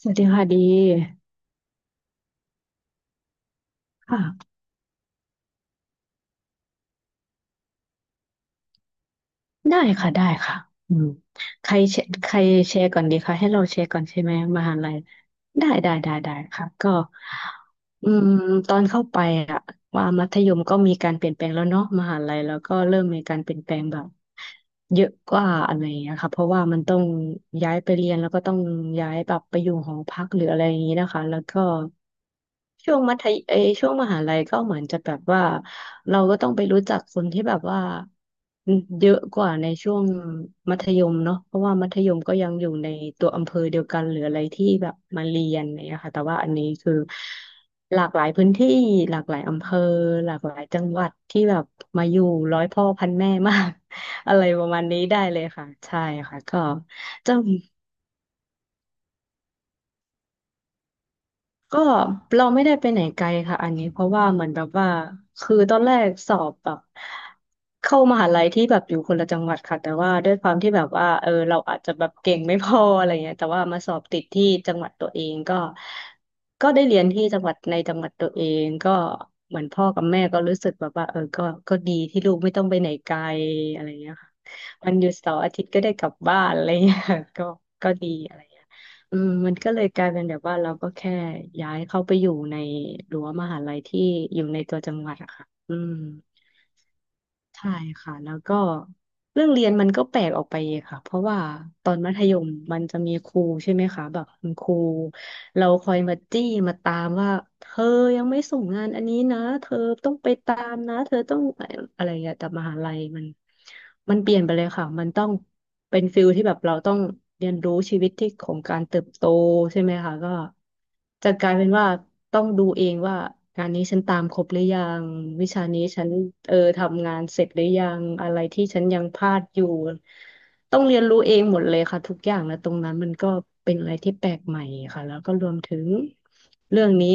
สวัสดีค่ะดีค่ะ ได้ค่ะได้ค่ะอืมใครแชร์ใครแชร์ก่อนดีคะให้เราแชร์ก่อนใช่ไหมมหาลัยได้ค่ะก็อืมตอนเข้าไปอะว่ามัธยมก็มีการเปลี่ยนแปลงแล้วเนาะมหาลัยแล้วก็เริ่มมีการเปลี่ยนแปลงแบบเยอะกว่าอะไรอย่างเงี้ยค่ะเพราะว่ามันต้องย้ายไปเรียนแล้วก็ต้องย้ายแบบไปอยู่หอพักหรืออะไรอย่างงี้นะคะแล้วก็ช่วงมหาลัยก็เหมือนจะแบบว่าเราก็ต้องไปรู้จักคนที่แบบว่า เยอะกว่าในช่วงมัธยมเนาะเพราะว่ามัธยมก็ยังอยู่ในตัวอำเภอเดียวกันหรืออะไรที่แบบมาเรียนเนี่ยค่ะแต่ว่าอันนี้คือหลากหลายพื้นที่หลากหลายอำเภอหลากหลายจังหวัดที่แบบมาอยู่ร้อยพ่อพันแม่มาก อะไรประมาณนี้ได้เลยค่ะใช่ค่ะก็จะ ก็เราไม่ได้ไปไหนไกลค่ะอันนี้เพราะว่าเหมือนแบบว่าคือตอนแรกสอบแบบเข้ามหาลัยที่แบบอยู่คนละจังหวัดค่ะแต่ว่าด้วยความที่แบบว่าเออเราอาจจะแบบเก่งไม่พออะไรเงี้ยแต่ว่ามาสอบติดที่จังหวัดตัวเองก็ก็ได้เรียนที่จังหวัดในจังหวัดตัวเองก็เหมือนพ่อกับแม่ก็รู้สึกแบบว่าเออก็ก็ดีที่ลูกไม่ต้องไปไหนไกลอะไรเงี้ยค่ะวันหยุดเสาร์อาทิตย์ก็ได้กลับบ้านอะไรเงี้ย ค่ะก็ก็ดีอะไรเงี้ย อืมมันก็เลยกลายเป็นแบบว่าเราก็แค่ย้ายเข้าไปอยู่ในรั้วมหาลัยที่อยู่ในตัวจังหวัดอะค่ะอืม ใช่ค่ะแล้วก็เรื่องเรียนมันก็แปลกออกไปอีกค่ะเพราะว่าตอนมัธยมมันจะมีครูใช่ไหมคะแบบคุณครูเราคอยมาจี้มาตามว่าเธอยังไม่ส่งงานอันนี้นะเธอต้องไปตามนะเธอต้องอะไรอย่างเงี้ยแต่มหาลัยมันเปลี่ยนไปเลยค่ะมันต้องเป็นฟิลที่แบบเราต้องเรียนรู้ชีวิตที่ของการเติบโตใช่ไหมคะก็ จะกลายเป็นว่าต้องดูเองว่างานนี้ฉันตามครบหรือยังวิชานี้ฉันเออทำงานเสร็จหรือยังอะไรที่ฉันยังพลาดอยู่ต้องเรียนรู้เองหมดเลยค่ะทุกอย่างนะตรงนั้นมันก็เป็นอะไรที่แปลกใหม่ค่ะแล้วก็รวมถึงเรื่องนี้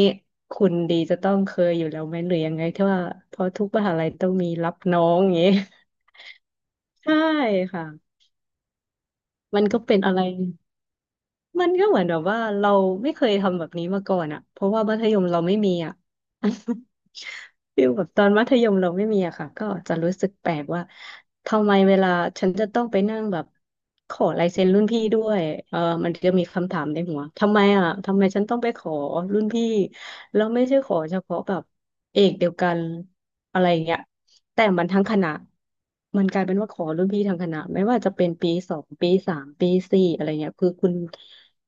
คุณดีจะต้องเคยอยู่แล้วไหมหรือยังไงที่ว่าเพราะทุกมหาลัยต้องมีรับน้องอย่างงี้ ใช่ค่ะมันก็เป็นอะไร มันก็เหมือนแบบว่าเราไม่เคยทำแบบนี้มาก่อนอะเพราะว่ามัธยมเราไม่มีอะ ฟิลแบบตอนมัธยมเราไม่มีอะค่ะก็จะรู้สึกแปลกว่าทำไมเวลาฉันจะต้องไปนั่งแบบขอลายเซ็นรุ่นพี่ด้วยเออมันจะมีคำถามในหัวทำไมอะทำไมฉันต้องไปขอรุ่นพี่แล้วไม่ใช่ขอเฉพาะแบบเอกเดียวกันอะไรอย่างเงี้ยแต่มันทั้งคณะ มันกลายเป็นว่าขอรุ่นพี่ทั้งคณะไม่ว่าจะเป็นปีสองปีสามปีสี่อะไรเงี้ยคือคุณ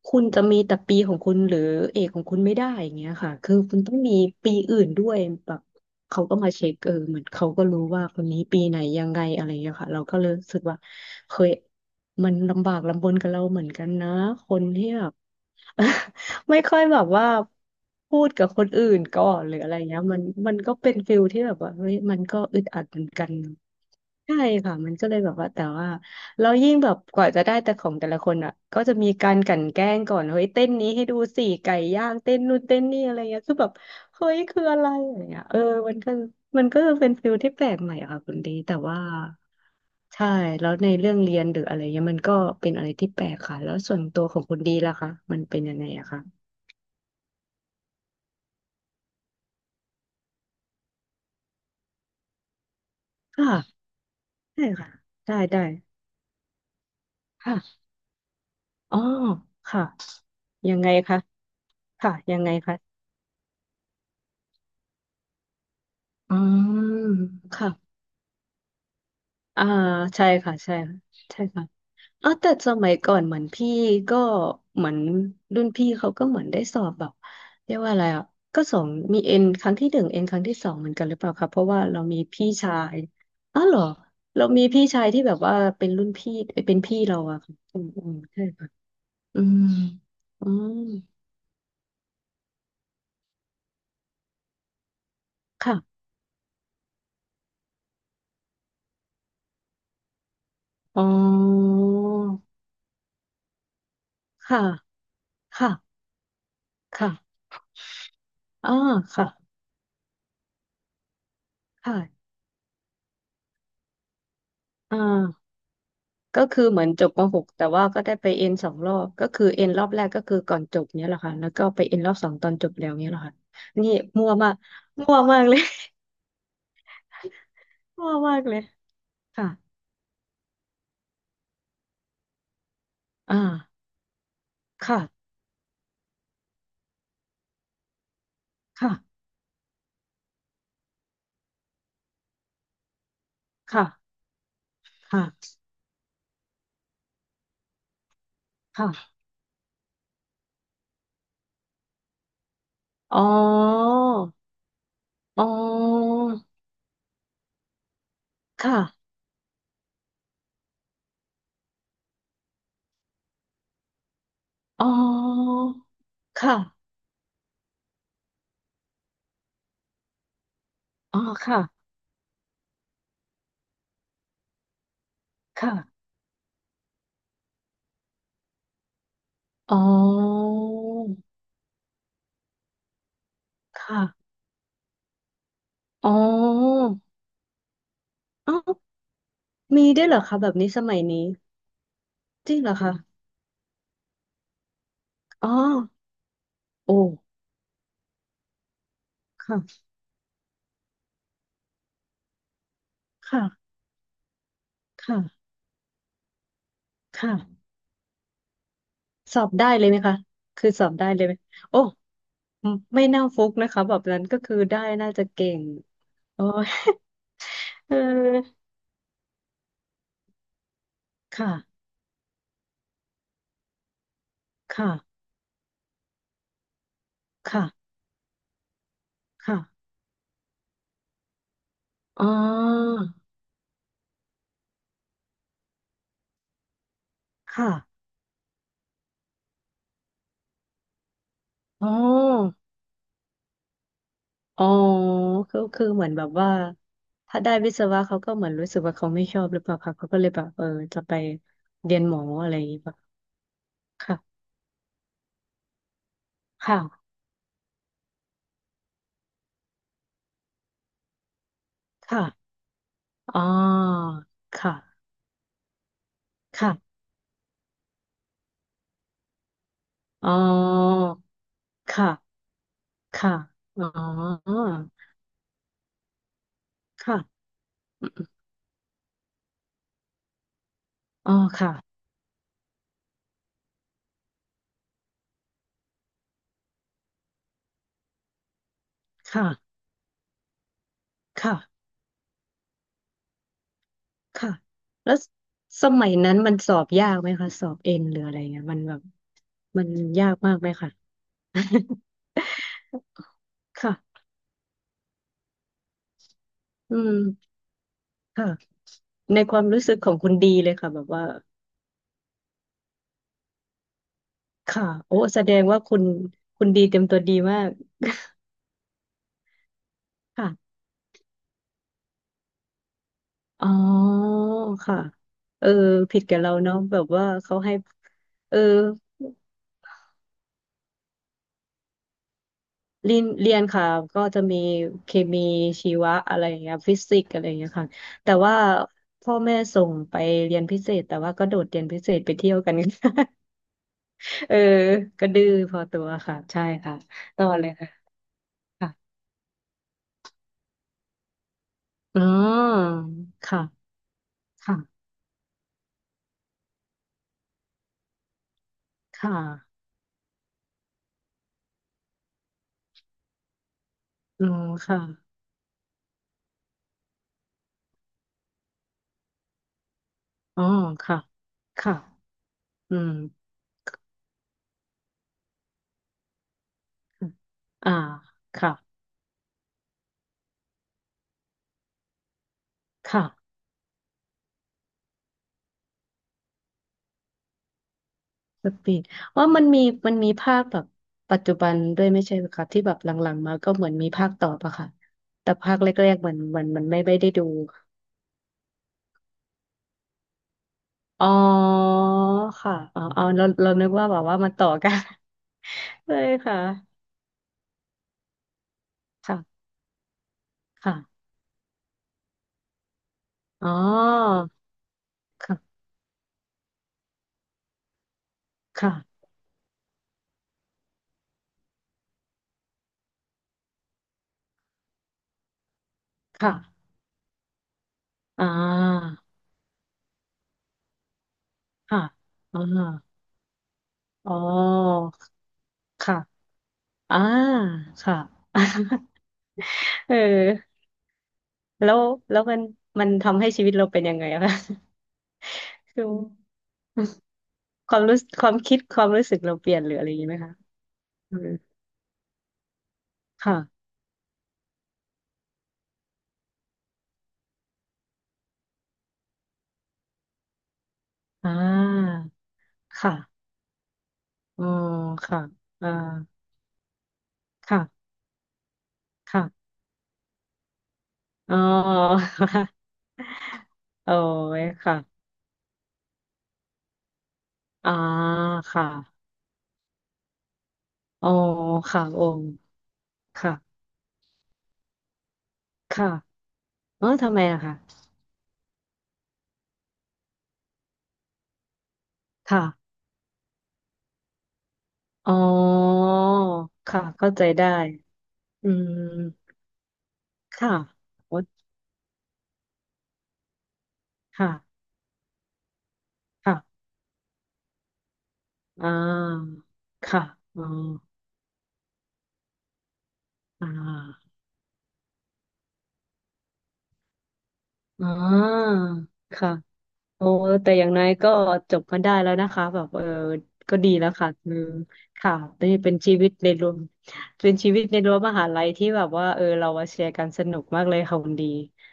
คุณจะมีแต่ปีของคุณหรือเอกของคุณไม่ได้อย่างเงี้ยค่ะคือคุณต้องมีปีอื่นด้วยแบบเขาก็มาเช็คเออเหมือนเขาก็รู้ว่าคนนี้ปีไหนยังไงอะไรอย่างเงี้ยค่ะเราก็เลยรู้สึกว่าเคยมันลำบากลำบนกับเราเหมือนกันนะคนที่แบบ ไม่ค่อยแบบว่าพูดกับคนอื่นก่อนหรืออะไรเงี้ยมันก็เป็นฟิลที่แบบว่าเฮ้ยมันก็อึดอัดเหมือนกันใช่ค่ะมันก็เลยแบบว่าแต่ว่า แล้วยิ่งแบบกว่าจะได้แต่ของแต่ละคนอ่ะก็จะมีการกลั่นแกล้งก่อนเฮ้ยเต้นนี้ให้ดูสิไก่ย่างเต้นนู่นเต้นนี่อะไรเงี้ยคือแบบเฮ้ยคืออะไรอะไรเงี้ยเออมันก็มันก็เป็นฟิลที่แปลกใหม่อะค่ะคุณดีแต่ว่าใช่แล้วในเรื่องเรียนหรืออะไรเงี้ยมันก็เป็นอะไรที่แปลกค่ะแล้วส่วนตัวของคุณดีล่ะคะมันเป็นยังไงอะคะค่ะได้ค่ะได้ค่ะอ๋อค่ะยังไงคะค่ะยังไงคะอืมค่ะ อ่าใช่ค่ะใช่ค่ะใช่ค่ะอ๋อแต่สมัยก่อนเหมือนพี่ก็เหมือนรุ่นพี่เขาก็เหมือนได้สอบแบบเรียกว่าอะไรอ่ะก็สองมีเอ็นครั้งที่หนึ่งเอ็นครั้งที่สองเหมือนกันหรือเปล่าคะเพราะว่าเรามีพี่ชายอ๋อเหรอเรามีพี่ชายที่แบบว่าเป็นรุ่นพี่เอ้ยเป็นพี่เราอะค่ะอืมอืมใช่ค่ะอืมอืมค่ะอ๋อค่ะค่ะค่ะอ่าค่ะค่ะอ่า ก็คือเหมือนจบมหกแต่ว่าก็ได้ไปเอ็นสองรอบก็คือเอ็นรอบแรกก็คือก่อนจบเนี้ยแหละค่ะแล้วก็ไปเอ็นรอบสองตอนจบแล้วเนี้ยแหละค่ะนี่มั่วมากมั่วมากเลย มั่วมากเลยค่ะอ่าค่ะค่ะค่ะค่ะค่ะอ๋ออ๋อค่ะอ๋อค่ะอ๋อค่ะค่ะอ๋อค่ะอ๋อเอ๋อมีได้วยเหรอคะแบบนี้สมัยนี้จริงเหรอคะอ๋อโอ้ค่ะ ค่ะค่ะค่ะสอบได้เลยไหมคะคือสอบได้เลยไหมโอ้ไม่น่าฟุกนะคะแบบนั้นก็คือได้น่าจะเก่งโอ้ ยเออค่ะค่ะค่ะค่ะอ๋อค่ะอ๋ออ๋อก็คือเหมือนแบบว่าถ้าได้วิศวะเขาก็เหมือนรู้สึกว่าเขาไม่ชอบหรือเปล่าคะเขาก็เลยแบบเออจะไปเรียนหมออะไรอย่างงี้ป่ะค่ะค่ะค่ะอ๋อค่ะค่ะอ๋อค่ะ ค่ะอ๋อค่ะอืมอ๋อค่ะค่ะค่ะค่ะแล้วสมัยนั้นมันสอบยากไหมคะสอบเอ็นหรืออะไรเงี้ยมันแบบมันยากมากไหมคะ ค่ะอืมค่ะในความรู้สึกของคุณดีเลยค่ะแบบว่าค่ะโอ้แสดงว่าคุณดีเต็มตัวดีมากค่ะอ๋อค่ะเออผิดกับเราเนาะแบบว่าเขาให้เออ เรียนเรียนค่ะก็จะมีเคมีชีวะอะไรอย่างเงี้ยฟิสิกส์อะไรอย่างเงี้ยค่ะแต่ว่าพ่อแม่ส่งไปเรียนพิเศษแต่ว่าก็โดดเรียนพิเศษไปเที่ยวกัน เออก็ดื้อพอตัวค่ะใช่ค่ะต่อเลยค่ะค่ะอ๋อค่ะค่ะค่ะอืมค่ะอ๋อค่ะค่ะอืมอ่าค่ะค่ะ สปีดว่ามันมีมันมีภาคแบบปัจจุบันด้วยไม่ใช่เหรอคะที่แบบหลังๆมาก็เหมือนมีภาคต่อปะค่ะแต่ภาคแรกๆเหมือนหมันมันไม่ได้ดูอ๋อค่ะอ๋อเอ๋เราเรานึกว่าแบบว่ามันต่อกัน เลยค่ะค่ะค่ะอ๋อค่ะค่ะค่ะอ่าค่ะอ่าอ๋อค่ะอ่าค่ะ เออแล้วแล้วมันทำให้ชีวิตเราเป็นยังไงอะคะ คือ ความรู้ความคิดความรู้สึกเราเปลี่ยนหรืออะไรอย่างนี้ไหมคะอืมค่ะอ่าค่ะอ๋อค่ะอ่าค่ะค่ะอ๋อ โอ้ยค่ะอ่าค่ะอ๋อค่ะโอ้ค่ะค่ะเออทำไมอะค่ะค่ะอ๋อค่ะเข้าใจได้อืมค่ะโอ๊ยค่ะค่ะอ่าค่ะอ๋ออ่าอ๋อค่ะ โอ้แต่อย่างน้อยก็จบกันได้แล้วนะคะแบบเออก็ดีแล้วค่ะคือค่ะนี่เป็นชีวิตในรั้วเป็นชีวิตในรั้วมหาลัยที่แบบว่าเออเรามาแชร์กันสนุกมากเลยค่ะคุณดี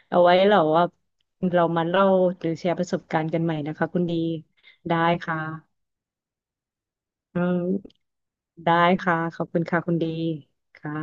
เอาไว้เราว่าเรามาเล่าหรือแชร์ประสบการณ์กันใหม่นะคะคุณดีได้ค่ะอืมได้ค่ะขอบคุณค่ะคุณดีค่ะ